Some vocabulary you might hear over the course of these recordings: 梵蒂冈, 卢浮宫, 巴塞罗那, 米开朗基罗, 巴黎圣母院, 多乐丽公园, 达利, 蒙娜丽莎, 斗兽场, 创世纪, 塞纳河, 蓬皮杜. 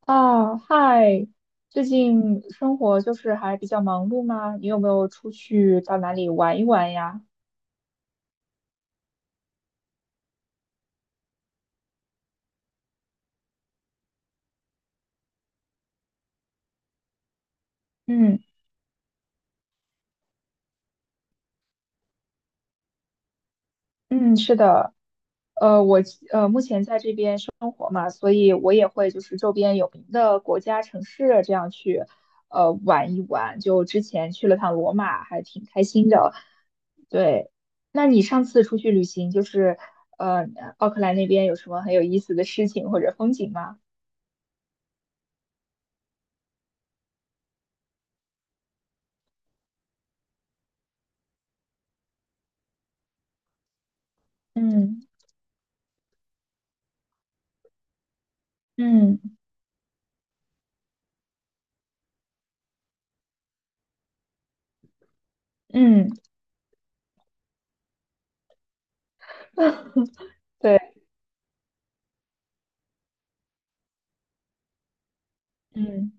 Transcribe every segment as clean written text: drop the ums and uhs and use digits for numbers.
啊，嗨，最近生活就是还比较忙碌吗？你有没有出去到哪里玩一玩呀？嗯嗯，是的，呃，我目前在这边生活嘛，所以我也会就是周边有名的国家、城市这样去玩一玩。就之前去了趟罗马，还挺开心的。对，那你上次出去旅行，就是呃奥克兰那边有什么很有意思的事情或者风景吗？嗯嗯。嗯 对，嗯。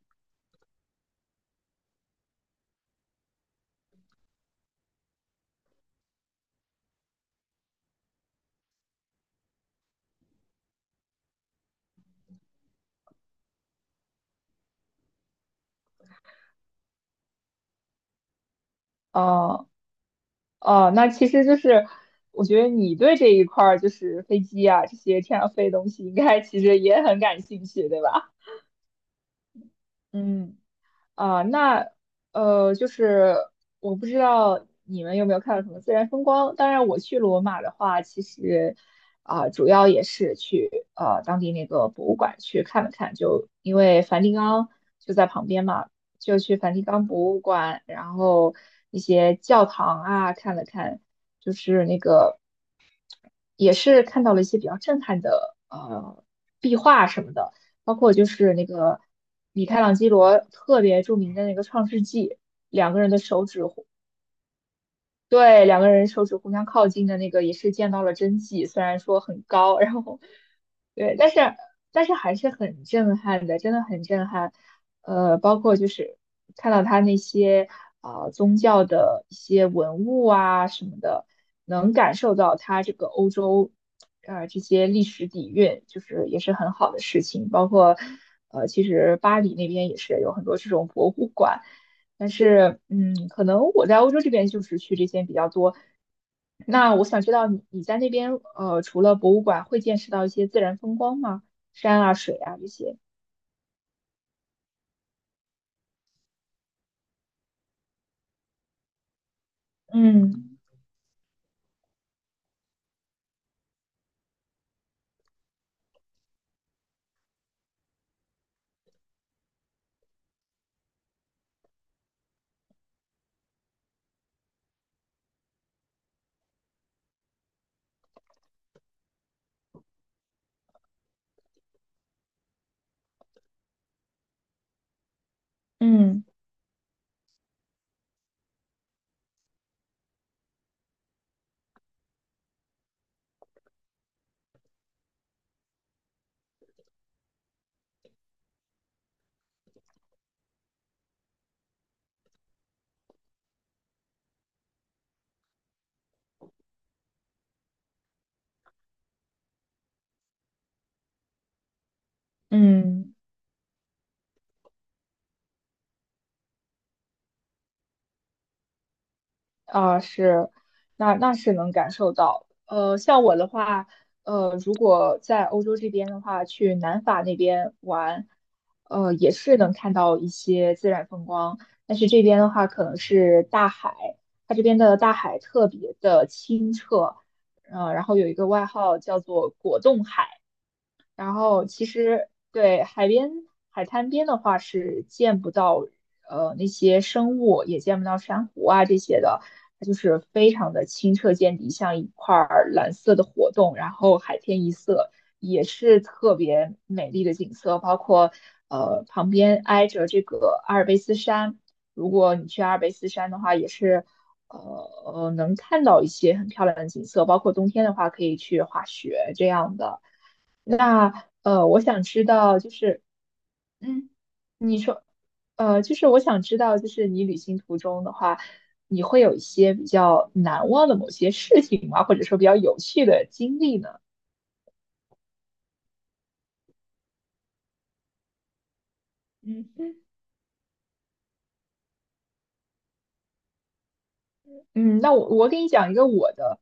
哦哦，那其实就是，我觉得你对这一块儿就是飞机啊这些天上飞的东西，应该其实也很感兴趣，对吧？嗯。啊、那就是我不知道你们有没有看到什么自然风光。当然，我去罗马的话，其实啊、主要也是去当地那个博物馆去看了看，就因为梵蒂冈就在旁边嘛，就去梵蒂冈博物馆，然后一些教堂啊看了看，就是那个。也是看到了一些比较震撼的壁画什么的，包括就是那个米开朗基罗特别著名的那个《创世纪》，两个人的手指对，两个人手指互相靠近的那个也是见到了真迹，虽然说很高，然后对，但是还是很震撼的，真的很震撼。呃，包括就是看到他那些啊、宗教的一些文物啊什么的，能感受到他这个欧洲啊这些历史底蕴，就是也是很好的事情。包括呃，其实巴黎那边也是有很多这种博物馆。但是，嗯，可能我在欧洲这边就是去这些比较多。那我想知道你在那边，呃，除了博物馆，会见识到一些自然风光吗？山啊、水啊这些。嗯嗯嗯。啊，是，那那是能感受到。呃，像我的话，呃，如果在欧洲这边的话，去南法那边玩，呃，也是能看到一些自然风光。但是这边的话，可能是大海，它这边的大海特别的清澈，呃，然后有一个外号叫做果冻海。然后其实对海边海滩边的话是见不到那些生物，也见不到珊瑚啊这些的，它就是非常的清澈见底，像一块儿蓝色的活动，然后海天一色，也是特别美丽的景色。包括旁边挨着这个阿尔卑斯山，如果你去阿尔卑斯山的话，也是呃能看到一些很漂亮的景色，包括冬天的话可以去滑雪这样的。那呃，我想知道，就是，嗯，你说，呃，就是我想知道，就是你旅行途中的话，你会有一些比较难忘的某些事情吗？或者说比较有趣的经历呢？嗯嗯，那我给你讲一个我的，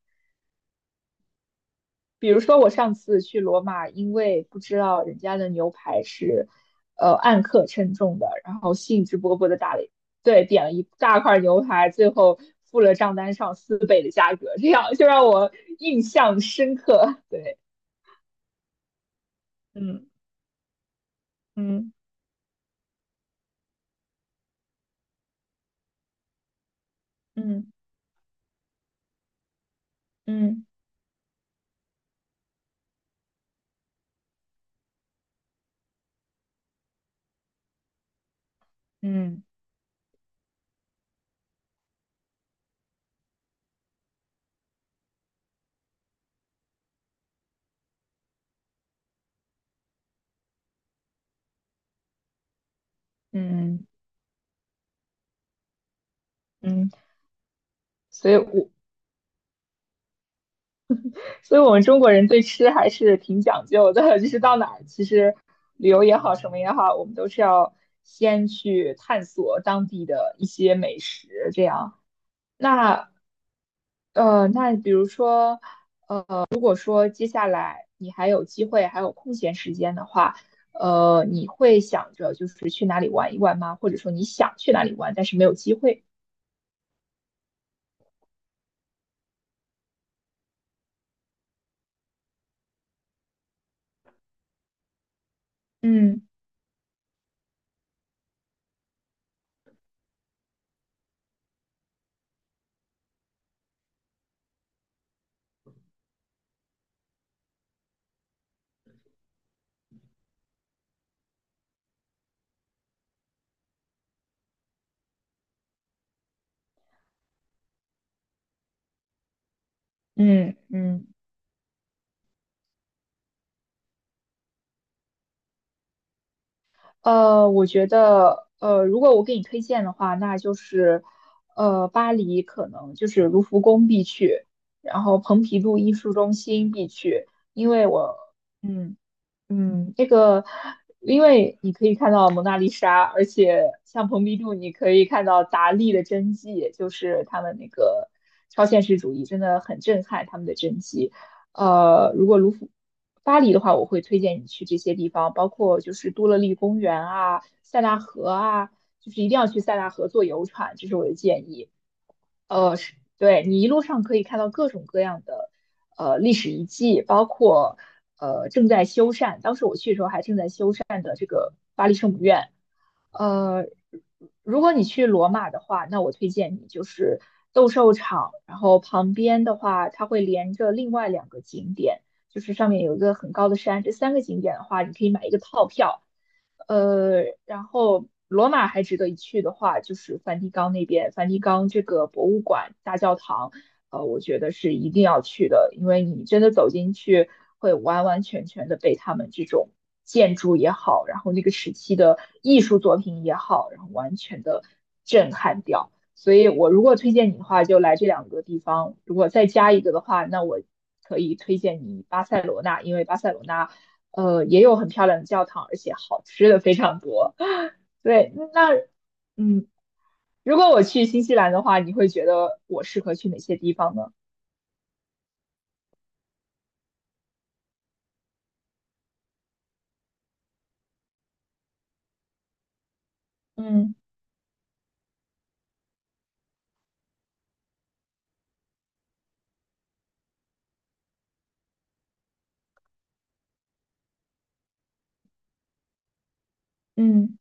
比如说我上次去罗马，因为不知道人家的牛排是按克称重的，然后兴致勃勃的打了，对，点了一大块牛排，最后付了账单上四倍的价格，这样就让我印象深刻。对，嗯嗯嗯嗯嗯嗯嗯，所以我所以我们中国人对吃还是挺讲究的，就是到哪儿，其实旅游也好，什么也好，我们都是要先去探索当地的一些美食，这样。那呃，那比如说，呃，如果说接下来你还有机会，还有空闲时间的话，呃，你会想着就是去哪里玩一玩吗？或者说你想去哪里玩，但是没有机会？嗯嗯嗯。呃，我觉得，呃，如果我给你推荐的话，那就是，呃，巴黎可能就是卢浮宫必去，然后蓬皮杜艺术中心必去，因为我，嗯。嗯，这个，因为你可以看到蒙娜丽莎，而且像蓬皮杜，你可以看到达利的真迹，就是他们那个超现实主义真的很震撼，他们的真迹。呃，如果卢浮巴黎的话，我会推荐你去这些地方，包括就是多乐丽公园啊、塞纳河啊，就是一定要去塞纳河坐游船，这是我的建议。呃，是对你一路上可以看到各种各样的历史遗迹，包括呃正在修缮，当时我去的时候还正在修缮的这个巴黎圣母院。呃，如果你去罗马的话，那我推荐你就是斗兽场，然后旁边的话，它会连着另外两个景点，就是上面有一个很高的山，这三个景点的话，你可以买一个套票，呃，然后罗马还值得一去的话，就是梵蒂冈那边，梵蒂冈这个博物馆、大教堂，呃，我觉得是一定要去的，因为你真的走进去，会完完全全的被他们这种建筑也好，然后那个时期的艺术作品也好，然后完全的震撼掉。所以我如果推荐你的话，就来这两个地方；如果再加一个的话，那我可以推荐你巴塞罗那，因为巴塞罗那。呃，也有很漂亮的教堂，而且好吃的非常多。对，那嗯，如果我去新西兰的话，你会觉得我适合去哪些地方呢？嗯嗯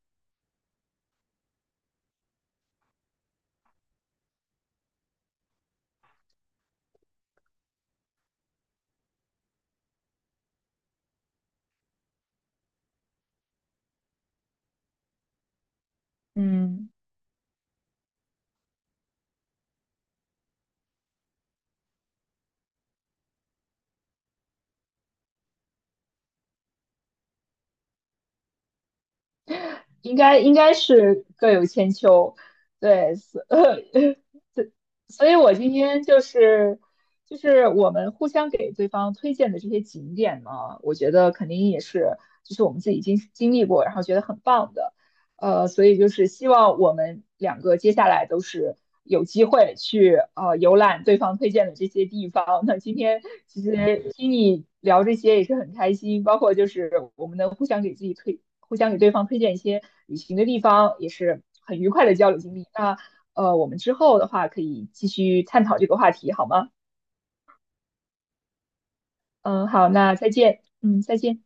嗯应该应该是各有千秋。对，是 所以我今天就是就是我们互相给对方推荐的这些景点呢，我觉得肯定也是就是我们自己经历过，然后觉得很棒的，呃，所以就是希望我们两个接下来都是有机会去游览对方推荐的这些地方。那今天其实听你聊这些也是很开心，包括就是我们能互相给自己推，互相给对方推荐一些旅行的地方，也是很愉快的交流经历。那呃，我们之后的话可以继续探讨这个话题，好吗？嗯，好，那再见。嗯，再见。